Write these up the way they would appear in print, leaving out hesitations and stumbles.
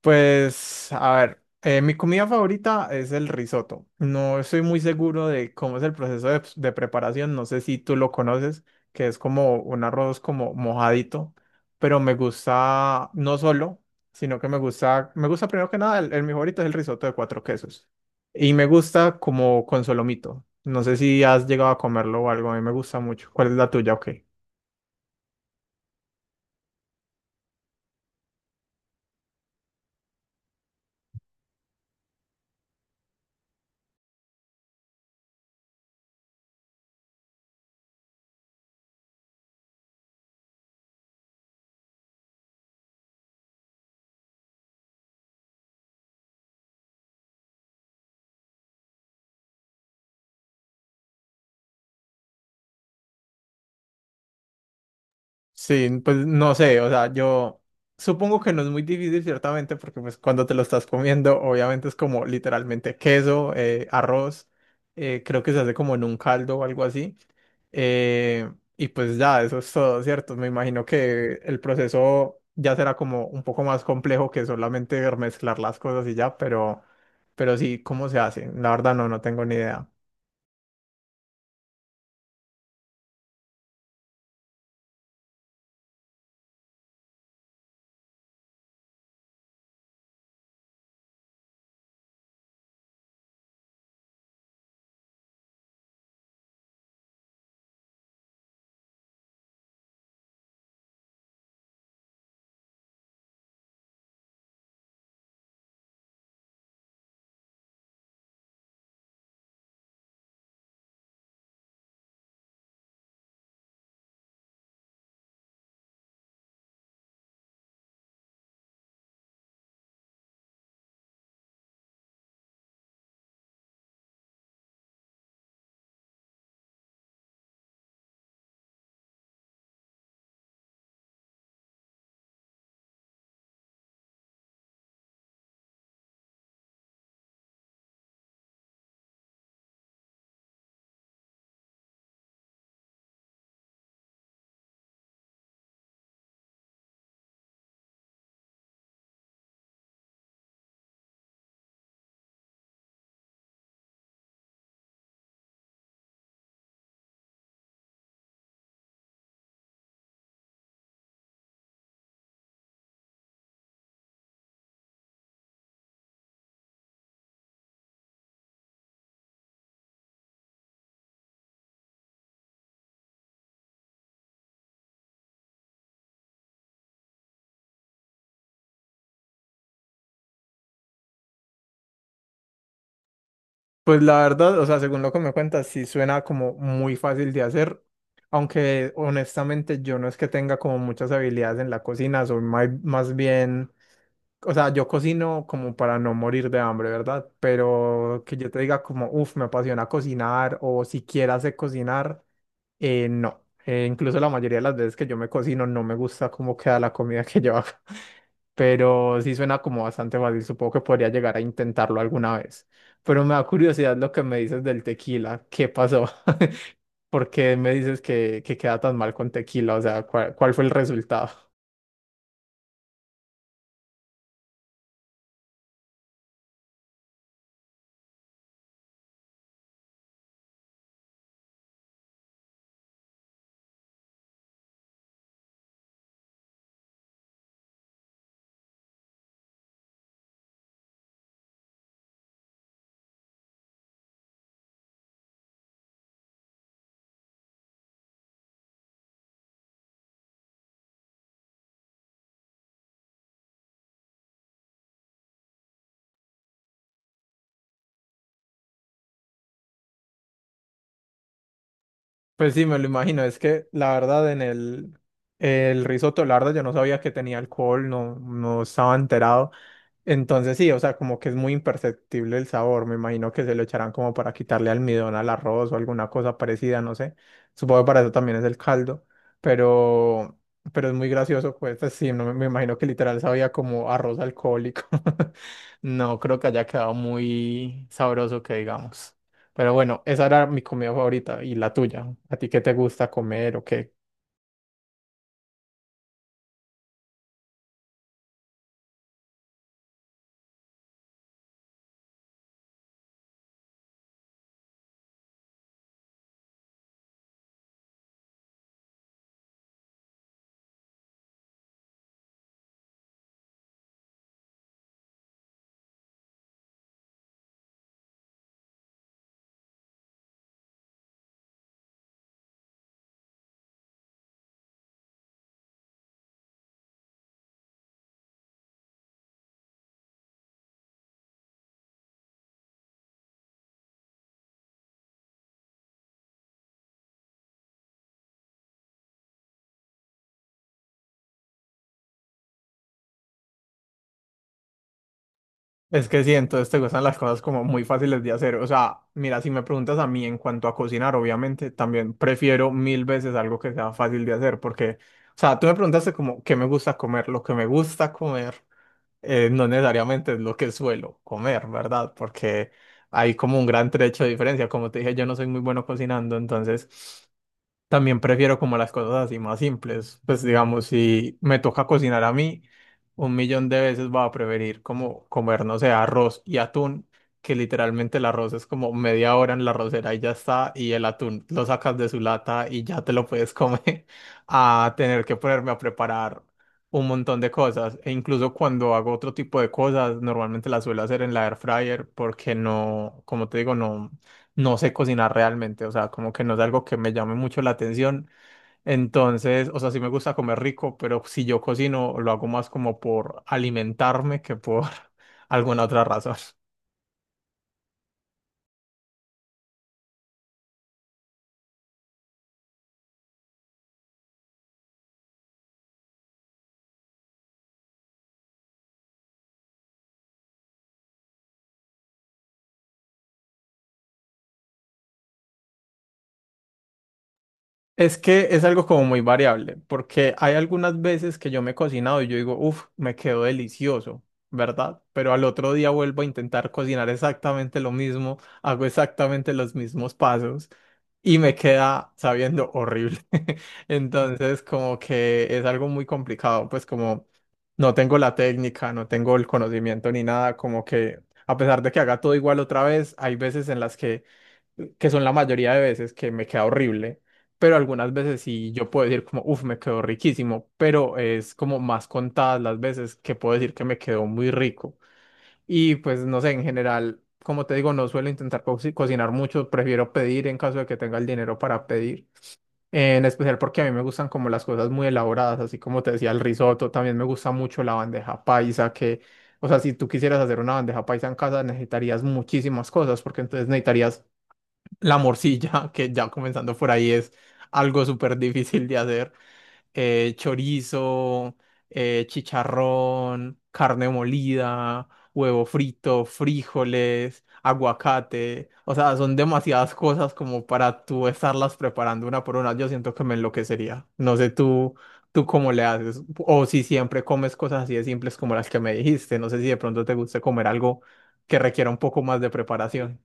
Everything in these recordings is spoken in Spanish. Pues, a ver, mi comida favorita es el risotto. No estoy muy seguro de cómo es el proceso de, pues, de preparación, no sé si tú lo conoces, que es como un arroz como mojadito, pero me gusta no solo, sino que me gusta primero que nada, el mi favorito es el risotto de cuatro quesos. Y me gusta como con solomito. No sé si has llegado a comerlo o algo, a mí me gusta mucho. ¿Cuál es la tuya? Ok. Sí, pues no sé, o sea, yo supongo que no es muy difícil ciertamente, porque pues cuando te lo estás comiendo, obviamente es como literalmente queso, arroz, creo que se hace como en un caldo o algo así. eh, y pues ya, eso es todo, ¿cierto? Me imagino que el proceso ya será como un poco más complejo que solamente mezclar las cosas y ya, pero sí, ¿cómo se hace? La verdad no, no tengo ni idea. Pues la verdad, o sea, según lo que me cuentas, sí suena como muy fácil de hacer, aunque honestamente yo no es que tenga como muchas habilidades en la cocina, soy más, bien, o sea, yo cocino como para no morir de hambre, ¿verdad? Pero que yo te diga como, uff, me apasiona cocinar o siquiera sé cocinar, no, incluso la mayoría de las veces que yo me cocino no me gusta cómo queda la comida que yo hago, pero sí suena como bastante fácil, supongo que podría llegar a intentarlo alguna vez. Pero me da curiosidad lo que me dices del tequila, ¿qué pasó? ¿Por qué me dices que queda tan mal con tequila? O sea, ¿cuál, cuál fue el resultado? Pues sí, me lo imagino, es que la verdad en el risotto, la verdad yo no sabía que tenía alcohol, no, no estaba enterado. Entonces sí, o sea, como que es muy imperceptible el sabor. Me imagino que se lo echarán como para quitarle almidón al arroz o alguna cosa parecida, no sé. Supongo que para eso también es el caldo, pero, pero es muy gracioso, pues sí, no, me imagino que literal sabía como arroz alcohólico. No creo que haya quedado muy sabroso que digamos. Pero bueno, esa era mi comida favorita y la tuya. ¿A ti qué te gusta comer o qué? Es que sí, entonces te gustan las cosas como muy fáciles de hacer. O sea, mira, si me preguntas a mí en cuanto a cocinar, obviamente, también prefiero mil veces algo que sea fácil de hacer, porque, o sea, tú me preguntaste como qué me gusta comer. Lo que me gusta comer no necesariamente es lo que suelo comer, ¿verdad? Porque hay como un gran trecho de diferencia. Como te dije, yo no soy muy bueno cocinando, entonces... También prefiero como las cosas así más simples. Pues digamos, si me toca cocinar a mí, un millón de veces va a preferir como comer, no sé, arroz y atún, que literalmente el arroz es como media hora en la arrocera y ya está, y el atún lo sacas de su lata y ya te lo puedes comer, a tener que ponerme a preparar un montón de cosas. E incluso cuando hago otro tipo de cosas, normalmente las suelo hacer en la air fryer porque no, como te digo, no sé cocinar realmente, o sea, como que no es algo que me llame mucho la atención. Entonces, o sea, sí me gusta comer rico, pero si yo cocino, lo hago más como por alimentarme que por alguna otra razón. Es que es algo como muy variable, porque hay algunas veces que yo me he cocinado y yo digo, uff, me quedó delicioso, ¿verdad? Pero al otro día vuelvo a intentar cocinar exactamente lo mismo, hago exactamente los mismos pasos y me queda sabiendo horrible. Entonces, como que es algo muy complicado, pues como no tengo la técnica, no tengo el conocimiento ni nada, como que a pesar de que haga todo igual otra vez, hay veces en las que son la mayoría de veces que me queda horrible, pero algunas veces sí yo puedo decir como, uff, me quedó riquísimo, pero es como más contadas las veces que puedo decir que me quedó muy rico. Y pues no sé, en general, como te digo, no suelo intentar cocinar mucho, prefiero pedir en caso de que tenga el dinero para pedir, en especial porque a mí me gustan como las cosas muy elaboradas, así como te decía el risotto, también me gusta mucho la bandeja paisa que... O sea, si tú quisieras hacer una bandeja paisa en casa, necesitarías muchísimas cosas, porque entonces necesitarías la morcilla, que ya comenzando por ahí es algo súper difícil de hacer. Chorizo, chicharrón, carne molida, huevo frito, frijoles, aguacate. O sea, son demasiadas cosas como para tú estarlas preparando una por una. Yo siento que me enloquecería. No sé tú, tú cómo le haces. O si siempre comes cosas así de simples como las que me dijiste. No sé si de pronto te gusta comer algo que requiera un poco más de preparación.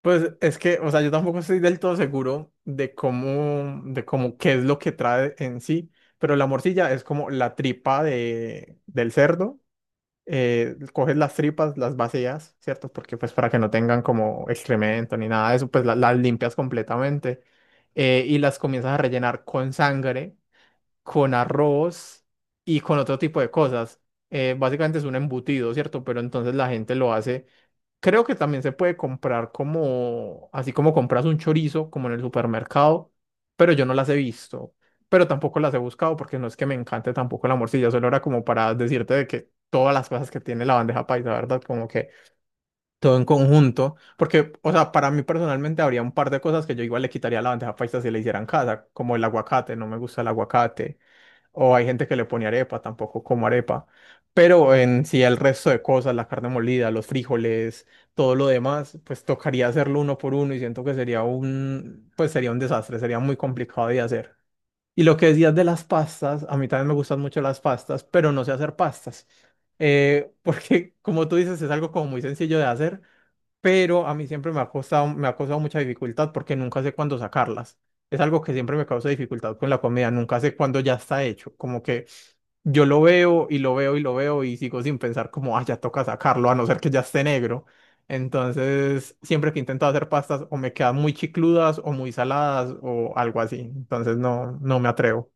Pues es que, o sea, yo tampoco estoy del todo seguro de cómo, qué es lo que trae en sí, pero la morcilla es como la tripa de, del cerdo. Coges las tripas, las vacías, ¿cierto? Porque pues para que no tengan como excremento ni nada de eso, pues las limpias completamente y las comienzas a rellenar con sangre con arroz y con otro tipo de cosas. Básicamente es un embutido, ¿cierto? Pero entonces la gente lo hace. Creo que también se puede comprar como, así como compras un chorizo, como en el supermercado, pero yo no las he visto, pero tampoco las he buscado porque no es que me encante tampoco la morcilla, solo era como para decirte de que todas las cosas que tiene la bandeja paisa, ¿verdad? Como que todo en conjunto, porque, o sea, para mí personalmente habría un par de cosas que yo igual le quitaría a la bandeja paisa si le hicieran casa, como el aguacate, no me gusta el aguacate o hay gente que le pone arepa, tampoco como arepa. Pero en sí el resto de cosas, la carne molida, los frijoles, todo lo demás, pues tocaría hacerlo uno por uno y siento que sería un, pues sería un desastre, sería muy complicado de hacer. Y lo que decías de las pastas, a mí también me gustan mucho las pastas, pero no sé hacer pastas. Porque como tú dices, es algo como muy sencillo de hacer, pero a mí siempre me ha costado, me ha causado mucha dificultad porque nunca sé cuándo sacarlas. Es algo que siempre me causa dificultad con la comida, nunca sé cuándo ya está hecho, como que yo lo veo y lo veo y lo veo y sigo sin pensar como, ah, ya toca sacarlo, a no ser que ya esté negro. Entonces, siempre que intento hacer pastas o me quedan muy chicludas o muy saladas o algo así, entonces no, no me atrevo.